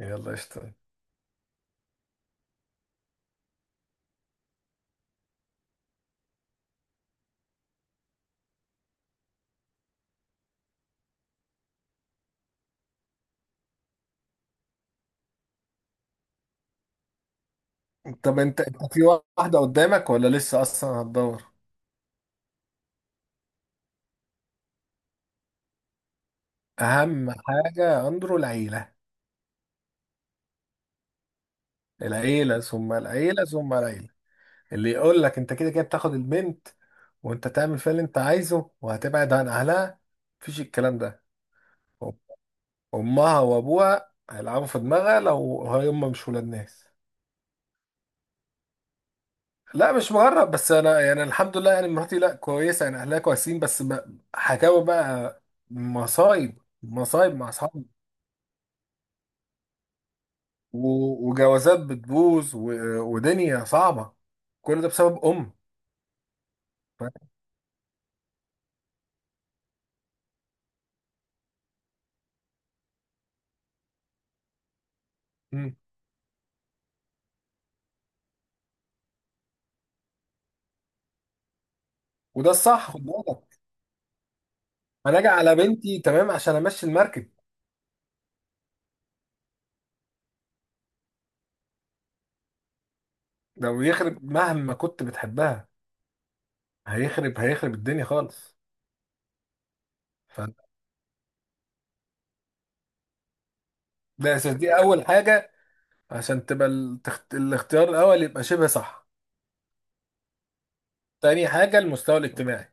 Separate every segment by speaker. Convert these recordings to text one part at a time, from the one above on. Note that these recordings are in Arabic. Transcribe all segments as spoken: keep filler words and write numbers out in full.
Speaker 1: يلا قشطة. طب انت انت في واحدة قدامك ولا لسه اصلا هتدور؟ اهم حاجة اندرو العيلة. العيلة ثم العيلة ثم العيلة. اللي يقول لك انت كده كده بتاخد البنت وانت تعمل فيها اللي انت عايزه وهتبعد عن اهلها، مفيش الكلام ده. امها وابوها هيلعبوا في دماغها لو هم مش ولاد ناس. لا مش مغرب، بس انا يعني الحمد لله، يعني مراتي لا كويسه يعني، اهلها كويسين، بس ب- حكاوي بقى. مصايب، مصايب مع اصحابي. و- وجوازات بتبوظ، و- ودنيا صعبة. كل ده بسبب أم. ف... مم. وده الصح، خد بالك. أنا أجي على بنتي تمام عشان أمشي المركب. لو يخرب، مهما كنت بتحبها، هيخرب، هيخرب الدنيا خالص. فده أساس، دي أول حاجة عشان تبقى التخت... الاختيار الأول يبقى شبه صح. تاني حاجة المستوى الاجتماعي.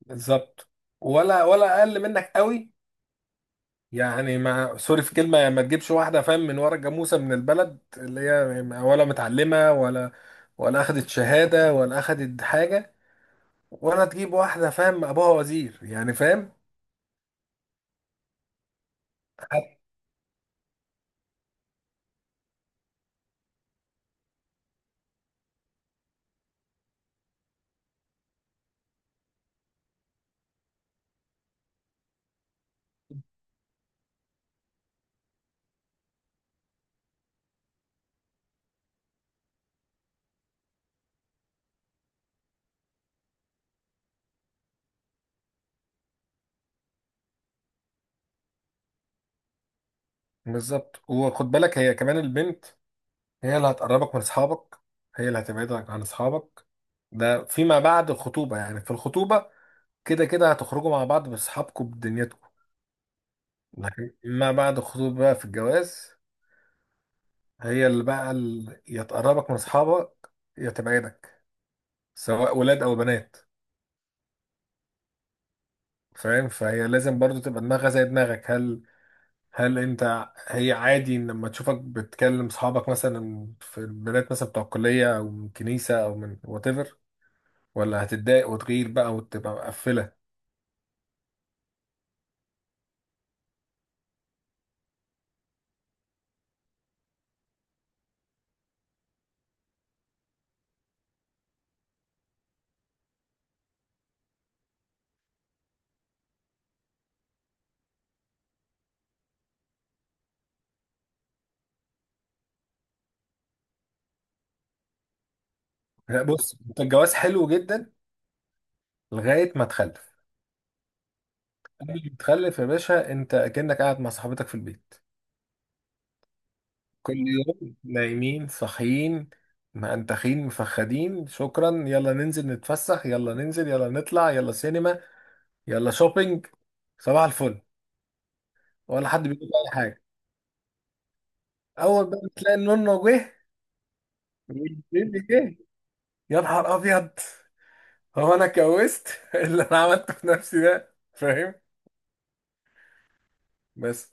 Speaker 1: بالظبط، ولا ولا أقل منك قوي، يعني ما سوري في كلمة، ما تجيبش واحدة فاهم من ورا الجاموسة من البلد اللي هي ولا متعلمة ولا ولا أخدت شهادة ولا أخدت حاجة، ولا تجيب واحدة فاهم أبوها وزير يعني، فاهم؟ حت- بالظبط وخد بالك، هي كمان البنت، هي اللي هتقربك من أصحابك، هي اللي هتبعدك عن أصحابك. ده فيما بعد الخطوبة، يعني في الخطوبة كده كده هتخرجوا مع بعض بأصحابكم بدنيتكم، لكن ما بعد الخطوبة بقى، في الجواز، هي اللي بقى ال- يا تقربك من اصحابك يا تبعدك، سواء ولاد او بنات. فاهم؟ فهي لازم برضو تبقى دماغها زي دماغك. هل هل انت هي عادي ان لما تشوفك بتكلم اصحابك مثلا في البنات، مثلا بتوع الكليه او من كنيسه او من وات ايفر، ولا هتتضايق وتغير بقى وتبقى مقفله؟ لا بص، أنت الجواز حلو جدا لغايه ما تخلف. قبل ما تخلف يا باشا، انت كأنك قاعد مع صاحبتك في البيت. كل يوم نايمين صاحيين، مأنتخين مفخدين، شكرا، يلا ننزل نتفسح، يلا ننزل، يلا نطلع، يلا سينما، يلا شوبينج، صباح الفل، ولا حد بيقول اي حاجه. اول بقى ما تلاقي النونو جه والليل جه، يا نهار ابيض. هو انا اتجوزت؟ اللي انا عملته في نفسي ده، فاهم؟ بس.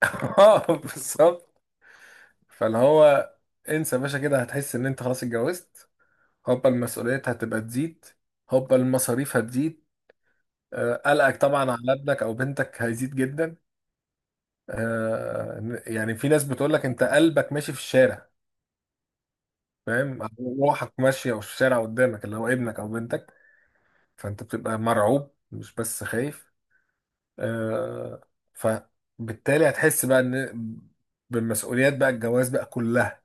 Speaker 1: اه بالظبط. فاللي هو، انسى يا باشا كده، هتحس ان انت خلاص اتجوزت. هوبا المسؤوليات هتبقى تزيد، هوبا المصاريف هتزيد، آه، قلقك طبعا على ابنك او بنتك هيزيد جدا. آه، يعني في ناس بتقول لك انت قلبك ماشي في الشارع، فاهم؟ أو روحك ماشيه في الشارع قدامك، اللي هو ابنك او بنتك. فانت بتبقى مرعوب مش بس خايف. آه، فبالتالي هتحس بقى ان بالمسؤوليات بقى الجواز بقى كلها.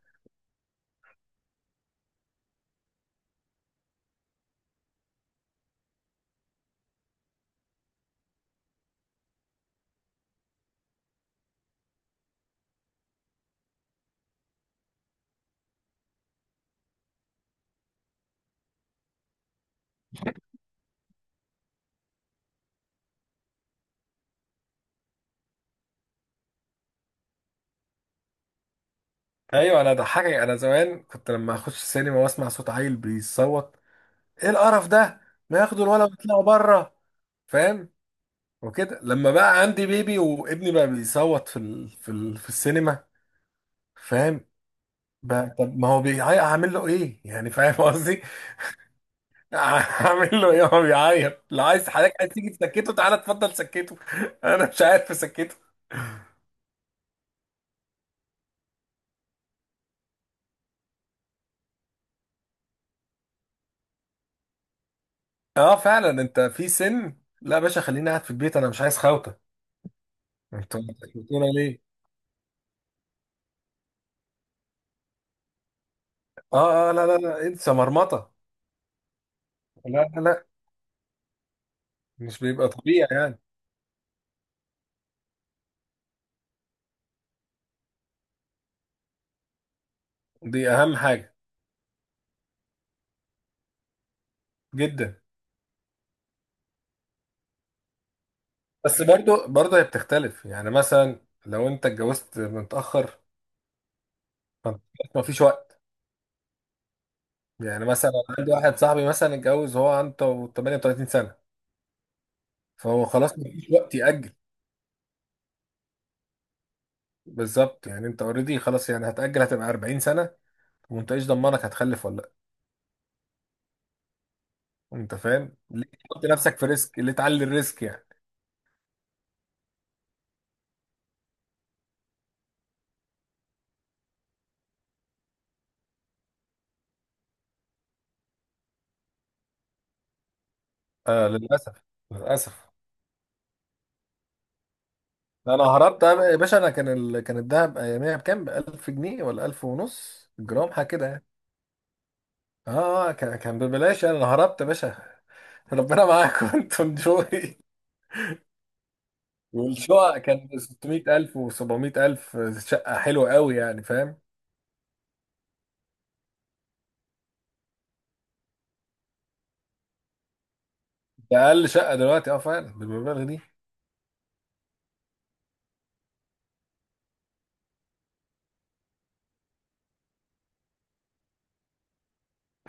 Speaker 1: ايوه انا ضحكك، انا زمان كنت لما اخش السينما واسمع صوت عيل بيصوت، ايه القرف ده، ما ياخدوا الولد ويطلعوا بره، فاهم؟ وكده لما بقى عندي بيبي وابني بقى بيصوت في ال... في ال... في السينما، فاهم؟ بقى طب ما هو بيعيط هعمل له ايه، يعني فاهم قصدي؟ هعمل له ايه، هو بيعيط، لو عايز حضرتك عايز تيجي تسكته، تعالى اتفضل سكته، انا مش عارف اسكته. اه فعلا، انت في سن، لا يا باشا خليني قاعد في البيت، انا مش عايز خوته، انتوا بتسكتونا ليه؟ اه اه، لا لا لا انسى، مرمطه. لا لا لا، مش بيبقى طبيعي يعني. دي اهم حاجه جدا. بس برضه، برضه هي بتختلف، يعني مثلا لو انت اتجوزت متأخر، فانت ما فيش وقت. يعني مثلا أنا عندي واحد صاحبي مثلا اتجوز، هو عنده تمانية وتلاتين سنة، فهو خلاص ما فيش وقت يأجل. بالظبط، يعني انت اوريدي خلاص، يعني هتأجل هتبقى أربعين سنة، وما انتش ضمنك هتخلف ولا لا. انت فاهم ليه؟ تحط نفسك في ريسك ليه، تعلي الريسك يعني؟ آه للأسف، للأسف. انا هربت يا باشا، انا كان ال... كان الدهب اياميها بكام، ب ألف جنيه ولا ألف ونص جرام حاجه كده يعني. اه، آه، كان كان ببلاش يعني، انا هربت يا باشا. ربنا معاكم انتوا انجوي. والشقق كان ب ستمائة ألف و700000، شقة حلوة قوي يعني، فاهم؟ ده أقل شقة دلوقتي اه فعلا بالمبالغ دي.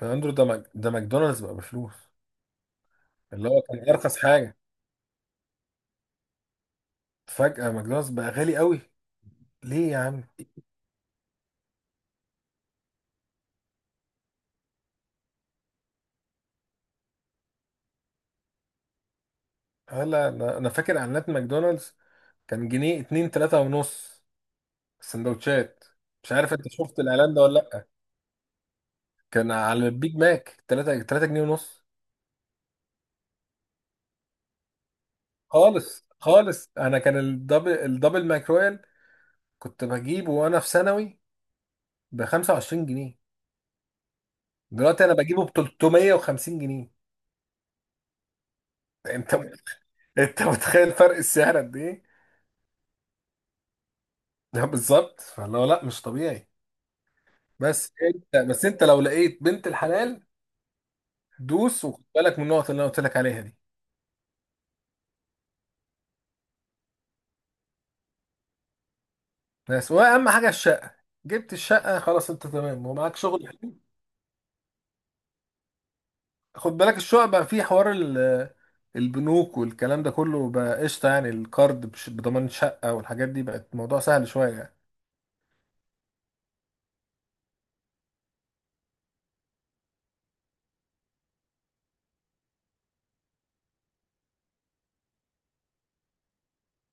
Speaker 1: يا أندرو ده مك... ده ماكدونالدز بقى بفلوس، اللي هو كان أرخص حاجة، فجأة ماكدونالدز بقى غالي قوي. ليه يا عم؟ هلا أنا أنا فاكر إعلانات ماكدونالدز، كان جنيه اتنين تلاتة ونص سندوتشات. مش عارف أنت شفت الإعلان ده ولا لأ؟ كان على البيج ماك تلاتة تلاتة جنيه ونص. خالص خالص، انا كان الدبل الدبل ماكرويل كنت بجيبه وانا في ثانوي ب خمسة وعشرين جنيه، دلوقتي انا بجيبه ب ثلاثمائة وخمسين جنيه. انت انت متخيل فرق السعر قد ايه؟ ده بالظبط، فاللي هو لا مش طبيعي. بس انت بس انت لو لقيت بنت الحلال، دوس وخد بالك من النقط اللي انا قلت لك عليها دي. بس واهم حاجه الشقه، جبت الشقه خلاص، انت تمام ومعاك شغل. خد بالك الشقق بقى فيه حوار ال- البنوك والكلام ده كله بقى قشطه، يعني الكارد بش- بضمان شقه والحاجات دي، بقت الموضوع سهل شويه يعني.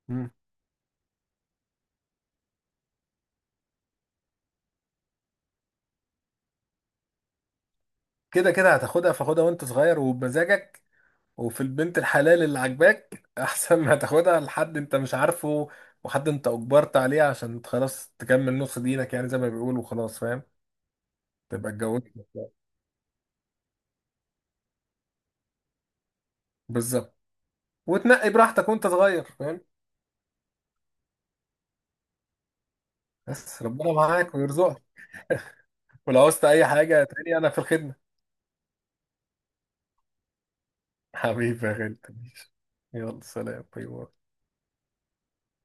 Speaker 1: مم. كده كده هتاخدها، فاخدها وانت صغير وبمزاجك، وفي البنت الحلال اللي عاجباك، احسن ما تاخدها لحد انت مش عارفه، وحد انت اجبرت عليه عشان خلاص تكمل نص دينك، يعني زي ما بيقولوا خلاص، فاهم؟ تبقى اتجوزت. بالظبط، وتنقي براحتك وانت صغير، فاهم؟ بس ربنا معاك ويرزقك، ولو عوزت اي حاجه تاني انا في الخدمه. حبيبي يا غالي، يلا سلام، باي باي.